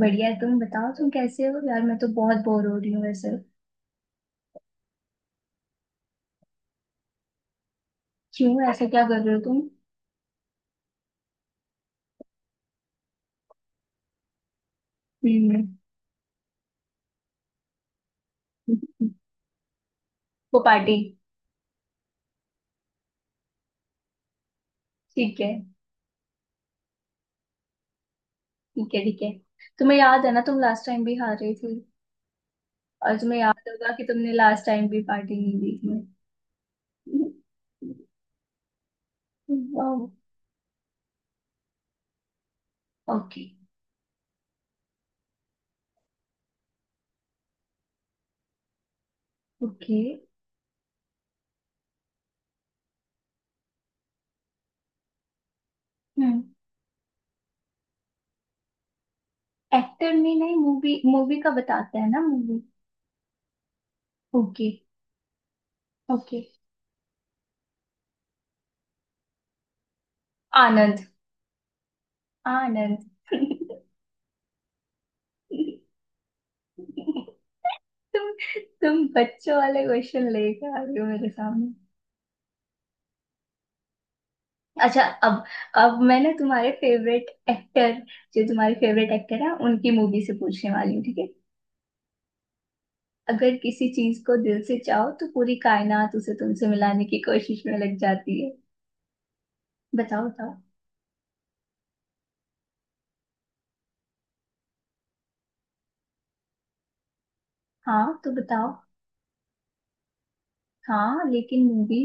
बढ़िया है। तुम बताओ, तुम कैसे हो यार? मैं तो बहुत बोर हो रही हूँ वैसे। क्यों, ऐसे क्या कर रहे हो तुम? हम्म। वो पार्टी। ठीक है। ठीक है। ठीक है, तुम्हें याद है ना, तुम लास्ट टाइम भी हार रही थी। और तुम्हें याद होगा कि तुमने लास्ट टाइम भी पार्टी नहीं दी थी। ओके। ओके। हम्म, एक्टर में नहीं, मूवी मूवी का बताते हैं ना, मूवी। ओके। ओके। आनंद। आनंद। तुम तुम बच्चों वाले क्वेश्चन लेके आ रही हो मेरे सामने। अच्छा। अब अब मैं ना तुम्हारे फेवरेट एक्टर, जो तुम्हारे फेवरेट एक्टर है उनकी मूवी से पूछने वाली हूँ, ठीक है। अगर किसी चीज को दिल से चाहो तो पूरी कायनात उसे तुमसे मिलाने की कोशिश में लग जाती है। बताओ बताओ। हाँ तो बताओ। हाँ लेकिन मूवी।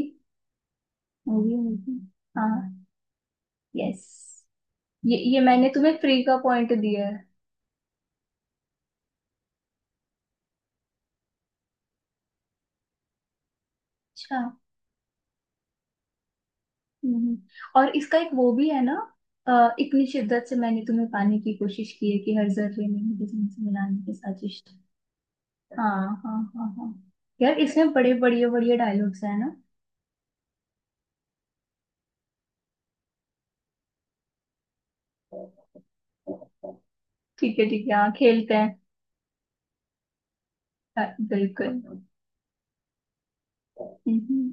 Movie movie. हाँ। यस। ये मैंने तुम्हें फ्री का पॉइंट दिया है। अच्छा। हम्म, और इसका एक वो भी है ना, इतनी शिद्दत से मैंने तुम्हें पाने की कोशिश की है कि हर जर्रे में मुझे तुमसे मिलाने की साजिश। हाँ हाँ हाँ। हाँ यार, इसमें बड़े बढ़िया बढ़िया डायलॉग्स है ना। ठीक है ठीक है, हाँ खेलते हैं। हाँ, बिल्कुल। हम्म।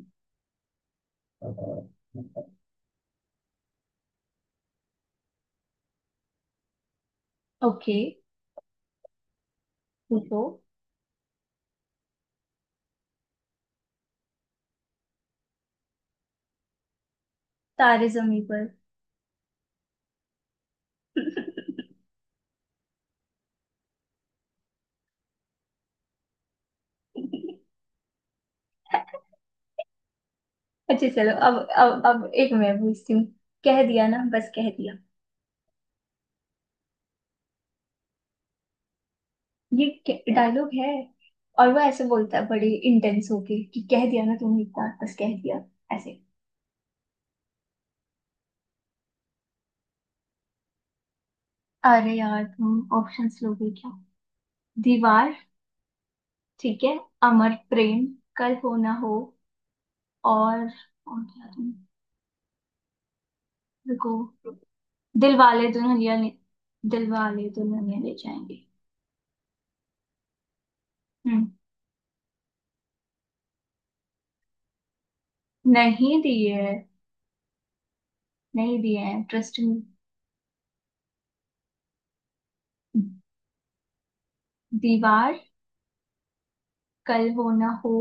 ओके। पूछो। तारे जमी पर। अच्छा चलो, अब एक मैं पूछती हूँ। कह दिया ना, बस कह दिया। ये डायलॉग है। और वो ऐसे बोलता है बड़ी इंटेंस होके, कि कह दिया ना तुमने एक बार, बस कह दिया, ऐसे। अरे यार, तुम ऑप्शंस लोगे क्या? दीवार। ठीक है। अमर प्रेम। कल हो ना हो। और और क्या तुम, रुको। दिल वाले दुल्हनिया ले दिल वाले दुल्हनिया ले जाएंगे। हम्म। नहीं दिए है। नहीं दिए हैं, ट्रस्ट मी। दीवार। कल हो ना हो।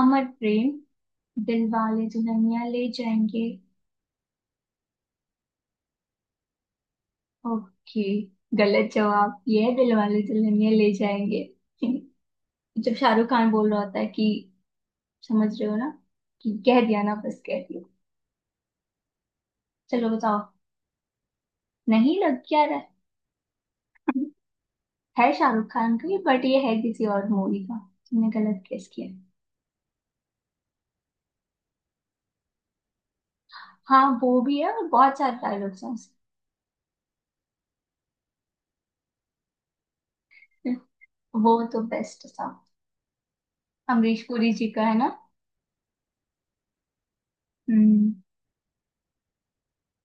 अमर प्रेम। दिल वाले दुल्हनिया ले जाएंगे। ओके। गलत जवाब ये है: दिल वाले दुल्हनिया ले जाएंगे। जब शाहरुख खान बोल रहा होता है कि, समझ रहे हो ना, कि कह दिया ना, बस कह दिया। चलो बताओ। नहीं, लग क्या रहा है? है शाहरुख खान का, बट ये है किसी और मूवी का। तुमने गलत गेस किया। हाँ वो भी है, और बहुत सारे डायलॉग्स हैं उसके। वो तो बेस्ट था। अमरीश पुरी जी का है ना। हम्म।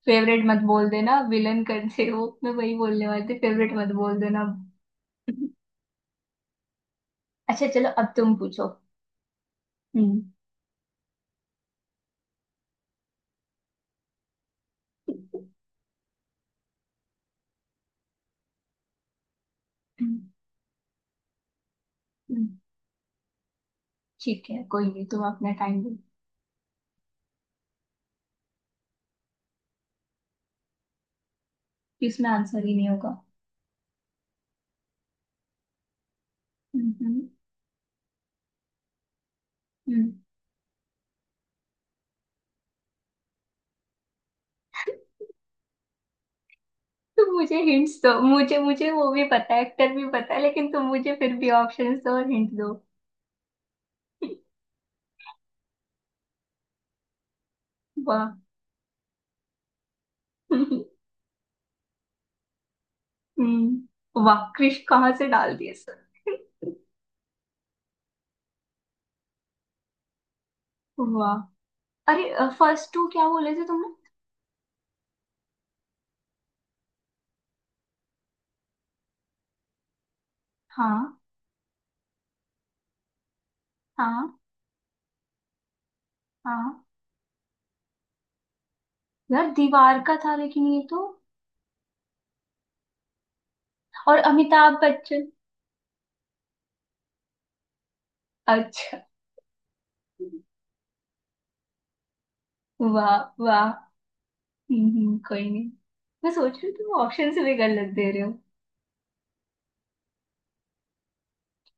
फेवरेट मत बोल देना, विलन कर दे वो, मैं वही बोलने वाले थे, फेवरेट मत बोल देना। अच्छा चलो, अब तुम पूछो। हम्म। हम्म, ठीक है, कोई नहीं, तुम अपना टाइम दो। कि उसमें आंसर ही नहीं होगा। हम्म हम्म हम्म। तुम मुझे हिंट्स दो, मुझे मुझे वो भी पता है, एक्टर भी पता है, लेकिन तुम मुझे फिर भी ऑप्शंस दो और हिंट दो। वाह। हम्म। वाह, क्रिश कहाँ से डाल दिए सर? वाह। अरे, फर्स्ट टू क्या बोले थे तुमने? हाँ। हाँ। हाँ यार, दीवार का था, लेकिन ये तो, और अमिताभ बच्चन। अच्छा। वाह। वाह। कोई नहीं। मैं सोच रही हूँ तुम ऑप्शन से भी गलत दे रहे हो।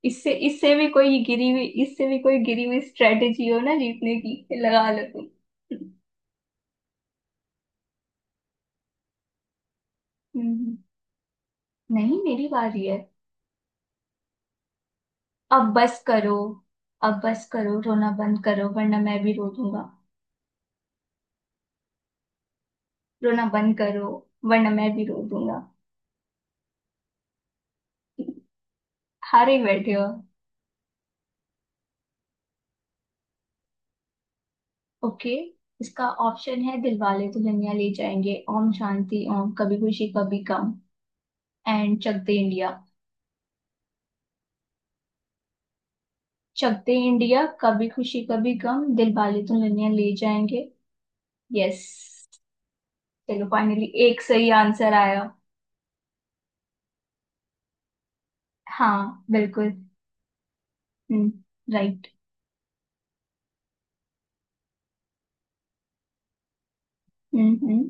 इससे इससे भी कोई गिरी हुई इससे भी कोई गिरी हुई स्ट्रेटेजी हो ना जीतने की, लगा लो तुम। हम्म, नहीं, मेरी बारी है। अब बस करो। अब बस करो, रोना बंद करो, वरना मैं भी रो दूंगा। रोना बंद करो, वरना मैं भी रो दूंगा। हारे बैठे हो। ओके। इसका ऑप्शन है: Dilwale Dulhania Le Jayenge, Om Shanti Om, Kabhi Khushi Kabhie Gham, and Chak De India. Chak De India, Kabhi Khushi Kabhie gum, Dilwale Dulhania Le Jayenge. Yes. चलो फाइनली एक सही आंसर आया। हाँ बिल्कुल। हम्म, राइट। हम्म,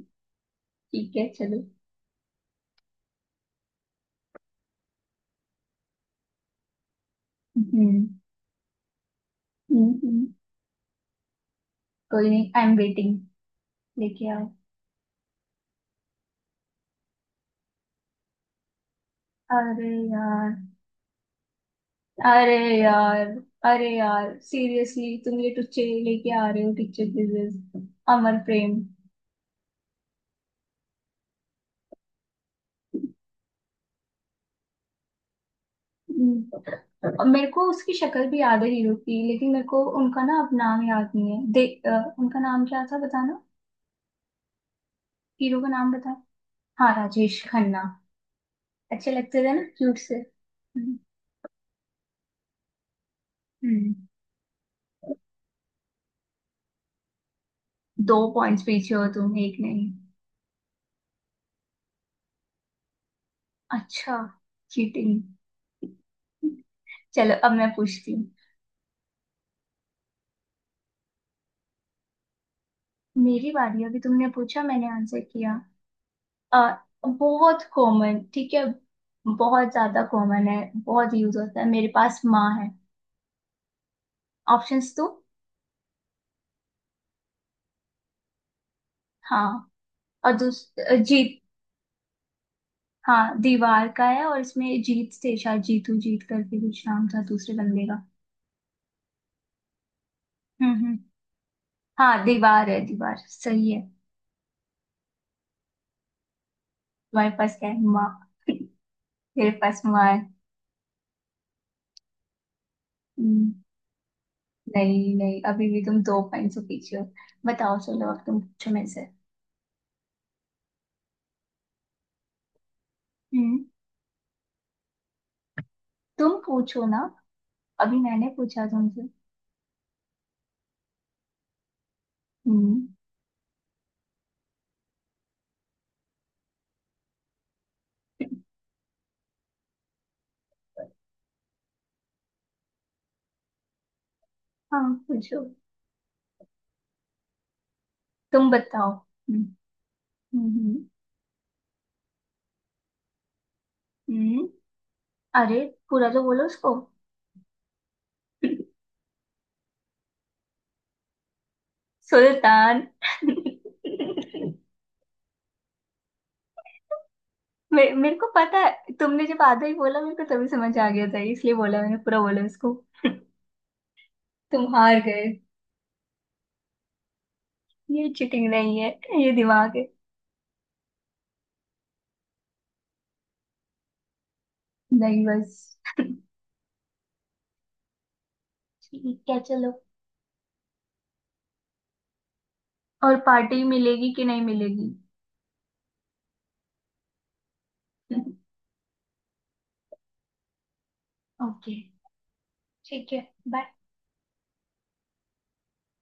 ठीक है चलो। हम्म हम्म हम्म, कोई नहीं। I am waiting. लेके आओ। अरे यार। अरे यार। अरे यार, सीरियसली तुम ये टुच्चे लेके आ रहे हो, टीचर क्विजेस। अमर प्रेम। हम्म, और मेरे को उसकी शक्ल भी याद है हीरो की, लेकिन मेरे को उनका ना अब नाम याद नहीं है। दे, उनका नाम क्या था बताना। हीरो का नाम बता। हाँ राजेश खन्ना। अच्छे लगते थे ना, क्यूट से। हम्म। हम्म। 2 पॉइंट्स पीछे हो तुम, एक नहीं। अच्छा। चीटिंग। चलो अब मैं पूछती हूँ। मेरी बारी, अभी तुमने पूछा, मैंने आंसर किया। आ, बहुत कॉमन, ठीक है। बहुत ज्यादा कॉमन है, बहुत यूज होता है। मेरे पास माँ है। ऑप्शंस तो, हाँ, और दूसरा जीत। हाँ दीवार का है, और इसमें जीत से शायद जीतू, जीत करके कुछ नाम था दूसरे बंदे का। हम्म। हाँ दीवार है, दीवार सही है। तुम्हारे पास क्या है माँ? मेरे पास माँ है। हम्म, नहीं नहीं, अभी भी तुम 2 पॉइंट से पीछे हो। बताओ, चलो अब तुम पूछो मेरे से। हम्म। तुम पूछो ना, अभी मैंने पूछा तुमसे। हम्म। हाँ। पूछो। तुम बताओ। हम्म। हम्म हम्म, हम्म, अरे पूरा तो बोलो उसको। सुल्तान। मेरे को पता है, तुमने जब आधा ही बोला मेरे को तभी समझ आ गया था, इसलिए बोला, मैंने पूरा बोला उसको। तुम हार गए। ये चीटिंग नहीं है, ये दिमाग है। नहीं बस। ठीक है चलो। और पार्टी मिलेगी कि नहीं मिलेगी? ओके। ठीक है। बाय।